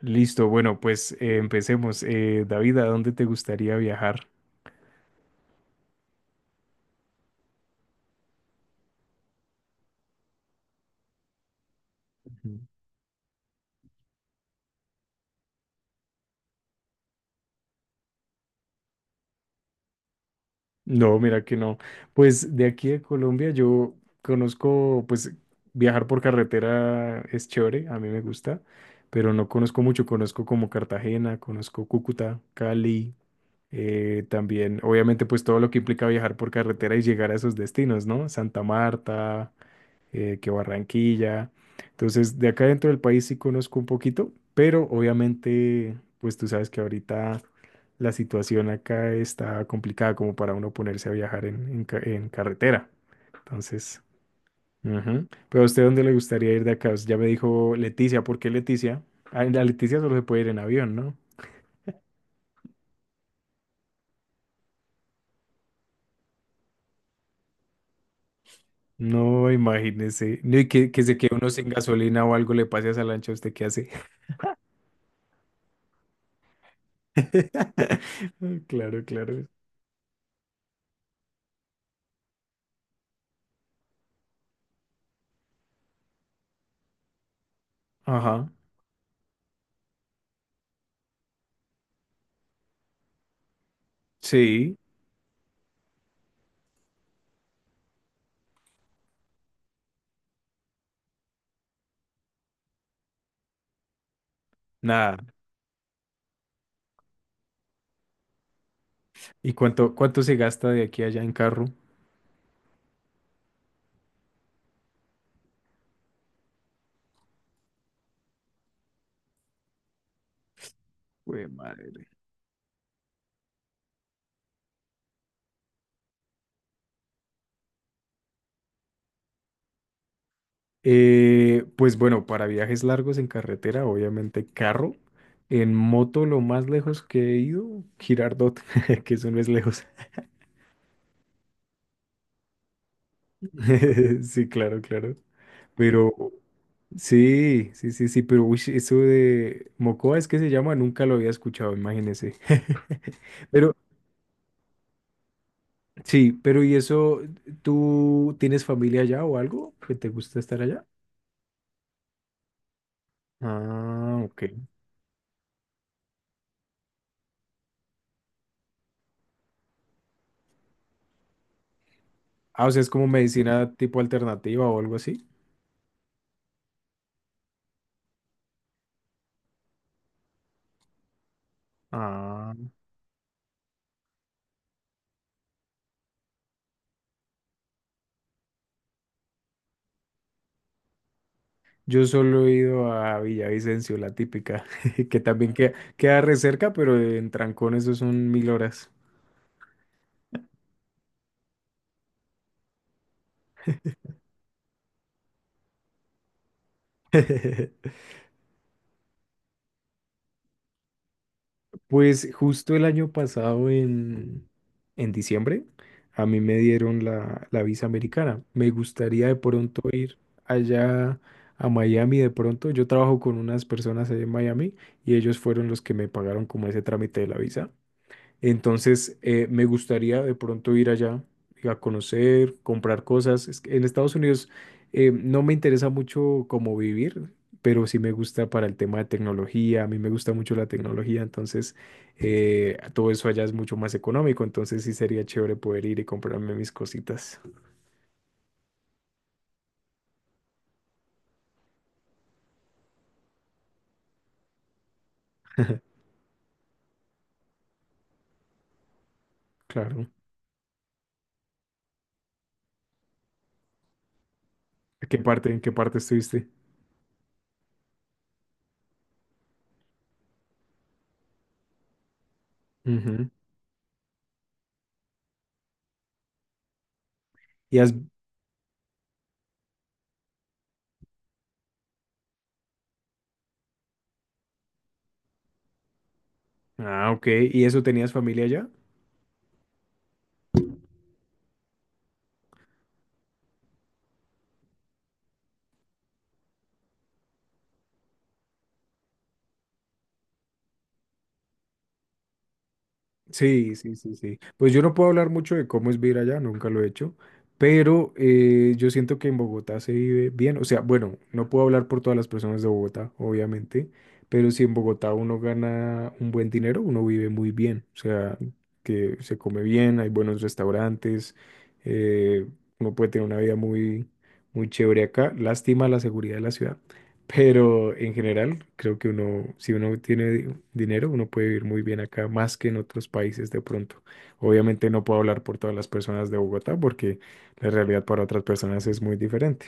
Listo, bueno, pues empecemos. David, ¿a dónde te gustaría viajar? Ujú. No, mira que no. Pues de aquí a Colombia yo conozco, pues viajar por carretera es chévere, a mí me gusta, pero no conozco mucho. Conozco como Cartagena, conozco Cúcuta, Cali, también, obviamente, pues todo lo que implica viajar por carretera y llegar a esos destinos, ¿no? Santa Marta, que Barranquilla. Entonces, de acá dentro del país sí conozco un poquito, pero obviamente, pues tú sabes que ahorita la situación acá está complicada como para uno ponerse a viajar en carretera. Entonces, ujú. Pero a usted, ¿dónde le gustaría ir de acá? Pues, ya me dijo Leticia, ¿por qué Leticia? Ah, en la Leticia solo se puede ir en avión, ¿no? No, imagínese. No, y que se quede uno sin gasolina o algo le pase a esa lancha, ¿usted qué hace? Claro, claro. Ajá. Sí. Nada. ¿Y cuánto, cuánto se gasta de aquí a allá en carro? Jue madre. Pues bueno, para viajes largos en carretera, obviamente carro. En moto, lo más lejos que he ido, Girardot, que eso no es lejos. Sí, claro, claro. Pero sí, sí, sí, sí, pero uy, eso de Mocoa es que se llama, nunca lo había escuchado, imagínese. Pero sí, pero ¿y eso tú tienes familia allá o algo que te gusta estar allá? Ah, ok. Ah, o sea, es como medicina tipo alternativa o algo así. Ah, yo solo he ido a Villavicencio, la típica, que también queda, queda re cerca, pero en trancón eso son mil horas. Pues justo el año pasado, en diciembre, a mí me dieron la, la visa americana. Me gustaría de pronto ir allá a Miami de pronto. Yo trabajo con unas personas allá en Miami y ellos fueron los que me pagaron como ese trámite de la visa. Entonces, me gustaría de pronto ir allá a conocer, comprar cosas. Es que en Estados Unidos no me interesa mucho cómo vivir, pero sí me gusta para el tema de tecnología. A mí me gusta mucho la tecnología, entonces todo eso allá es mucho más económico. Entonces, sí sería chévere poder ir y comprarme mis cositas. Claro. ¿A qué parte, en qué parte estuviste? Ujú. ¿Y has... Ah, ok. ¿Y eso tenías familia allá? Sí, sí, sí, sí. Pues yo no puedo hablar mucho de cómo es vivir allá, nunca lo he hecho, pero yo siento que en Bogotá se vive bien. O sea, bueno, no puedo hablar por todas las personas de Bogotá, obviamente, pero si en Bogotá uno gana un buen dinero, uno vive muy bien. O sea, que se come bien, hay buenos restaurantes, eh, uno puede tener una vida muy chévere acá. Lástima la seguridad de la ciudad, pero en general, creo que uno, si uno tiene dinero, uno puede vivir muy bien acá, más que en otros países de pronto. Obviamente no puedo hablar por todas las personas de Bogotá, porque la realidad para otras personas es muy diferente.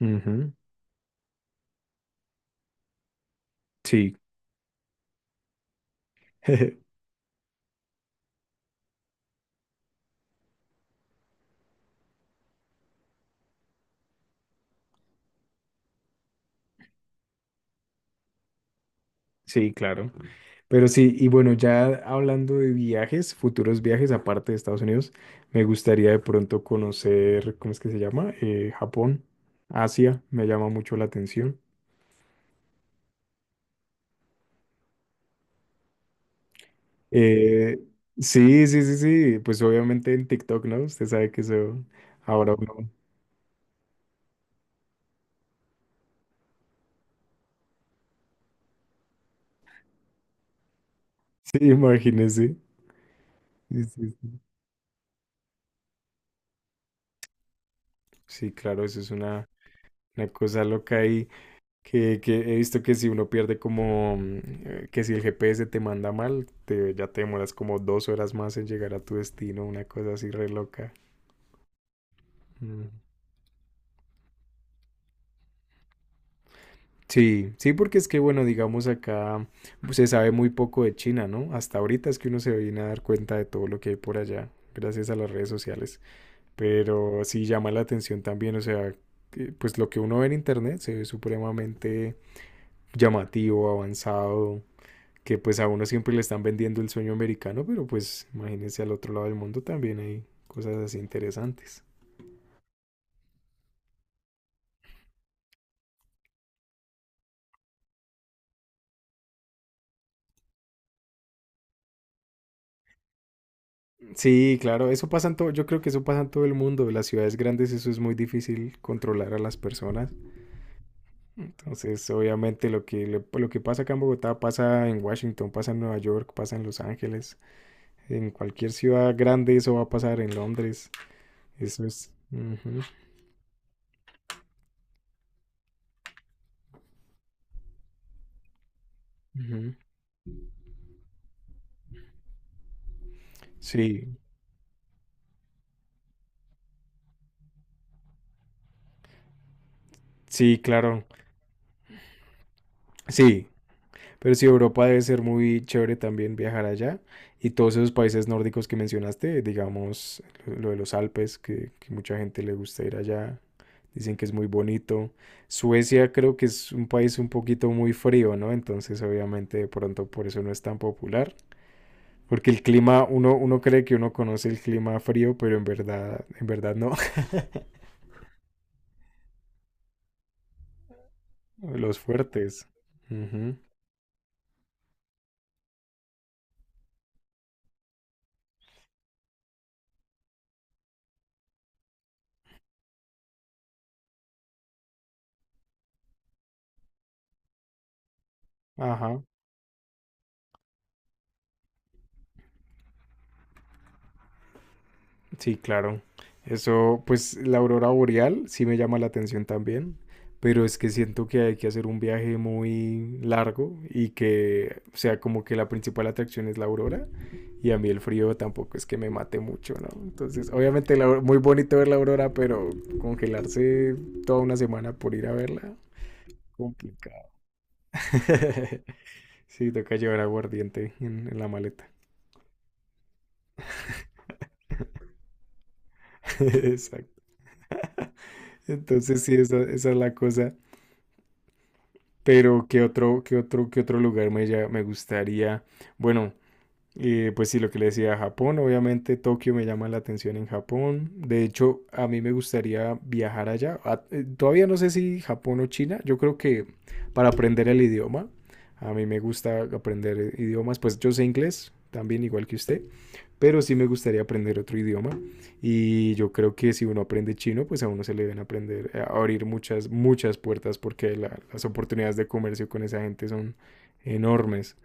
Ujú, sí, sí, claro. Pero sí, y bueno, ya hablando de viajes, futuros viajes aparte de Estados Unidos, me gustaría de pronto conocer, ¿cómo es que se llama? Japón, Asia, me llama mucho la atención. Eh, sí, sí, sí, sí, pues obviamente en TikTok, ¿no? Usted sabe que eso ahora uno, sí, imagínese. Sí, sí, sí. Sí, claro, eso es una cosa loca y que he visto que si uno pierde como, que si el GPS te manda mal, te, ya te demoras como 2 horas más en llegar a tu destino, una cosa así re loca. Mm. Sí, sí, porque es que, bueno, digamos acá pues, se sabe muy poco de China, ¿no? Hasta ahorita es que uno se viene a dar cuenta de todo lo que hay por allá, gracias a las redes sociales. Pero sí llama la atención también, o sea, que, pues lo que uno ve en internet se ve supremamente llamativo, avanzado, que pues a uno siempre le están vendiendo el sueño americano, pero pues imagínense al otro lado del mundo también hay cosas así interesantes. Sí, claro, eso pasa en todo, yo creo que eso pasa en todo el mundo, en las ciudades grandes eso es muy difícil controlar a las personas. Entonces, obviamente lo que, lo que pasa acá en Bogotá pasa en Washington, pasa en Nueva York, pasa en Los Ángeles, en cualquier ciudad grande eso va a pasar en Londres. Eso es. Ujú, ujú. Sí, sí, claro. Sí, pero sí, Europa debe ser muy chévere también viajar allá. Y todos esos países nórdicos que mencionaste, digamos, lo de los Alpes, que mucha gente le gusta ir allá. Dicen que es muy bonito. Suecia creo que es un país un poquito muy frío, ¿no? Entonces, obviamente, de pronto por eso no es tan popular. Porque el clima, uno, uno cree que uno conoce el clima frío, pero en verdad no. Los fuertes. Ujú. Ajá. Sí, claro. Eso, pues la aurora boreal sí me llama la atención también, pero es que siento que hay que hacer un viaje muy largo y que, o sea, como que la principal atracción es la aurora y a mí el frío tampoco es que me mate mucho, ¿no? Entonces, obviamente la muy bonito ver la aurora, pero congelarse toda una semana por ir a verla, complicado. Sí, toca llevar aguardiente en la maleta. Exacto. Entonces, sí, esa es la cosa. Pero, ¿qué otro lugar me, me gustaría? Bueno, pues sí, lo que le decía, Japón, obviamente Tokio me llama la atención en Japón. De hecho, a mí me gustaría viajar allá. Todavía no sé si Japón o China. Yo creo que para aprender el idioma, a mí me gusta aprender idiomas. Pues yo sé inglés también, igual que usted, pero sí me gustaría aprender otro idioma y yo creo que si uno aprende chino, pues a uno se le deben aprender a abrir muchas, muchas puertas porque la, las oportunidades de comercio con esa gente son enormes.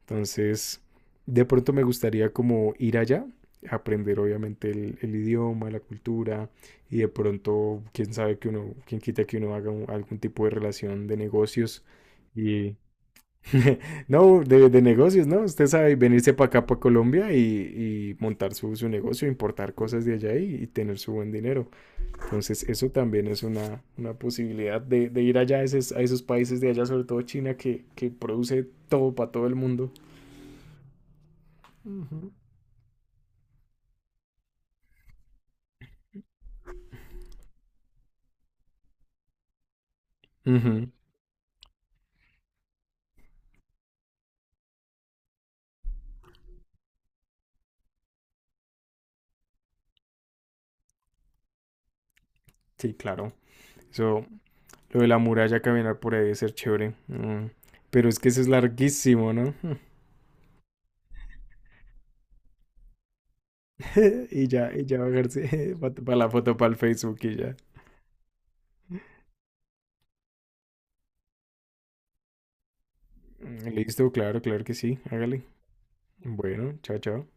Entonces, de pronto me gustaría como ir allá, aprender obviamente el idioma, la cultura y de pronto, quién sabe que uno, quién quita que uno haga un, algún tipo de relación de negocios y no, de negocios, ¿no? Usted sabe venirse para acá, para Colombia y montar su, su negocio, importar cosas de allá y tener su buen dinero. Entonces, eso también es una posibilidad de ir allá a esos países de allá, sobre todo China, que produce todo para todo el mundo. Ujú. Ujú, sí, claro. Eso, lo de la muralla, caminar por ahí debe ser chévere. Mm, pero es que eso es larguísimo, ¿no? Y ya bajarse para la foto, para el Facebook y ya. Mm, listo, claro, claro que sí. Hágale. Bueno, chao, chao.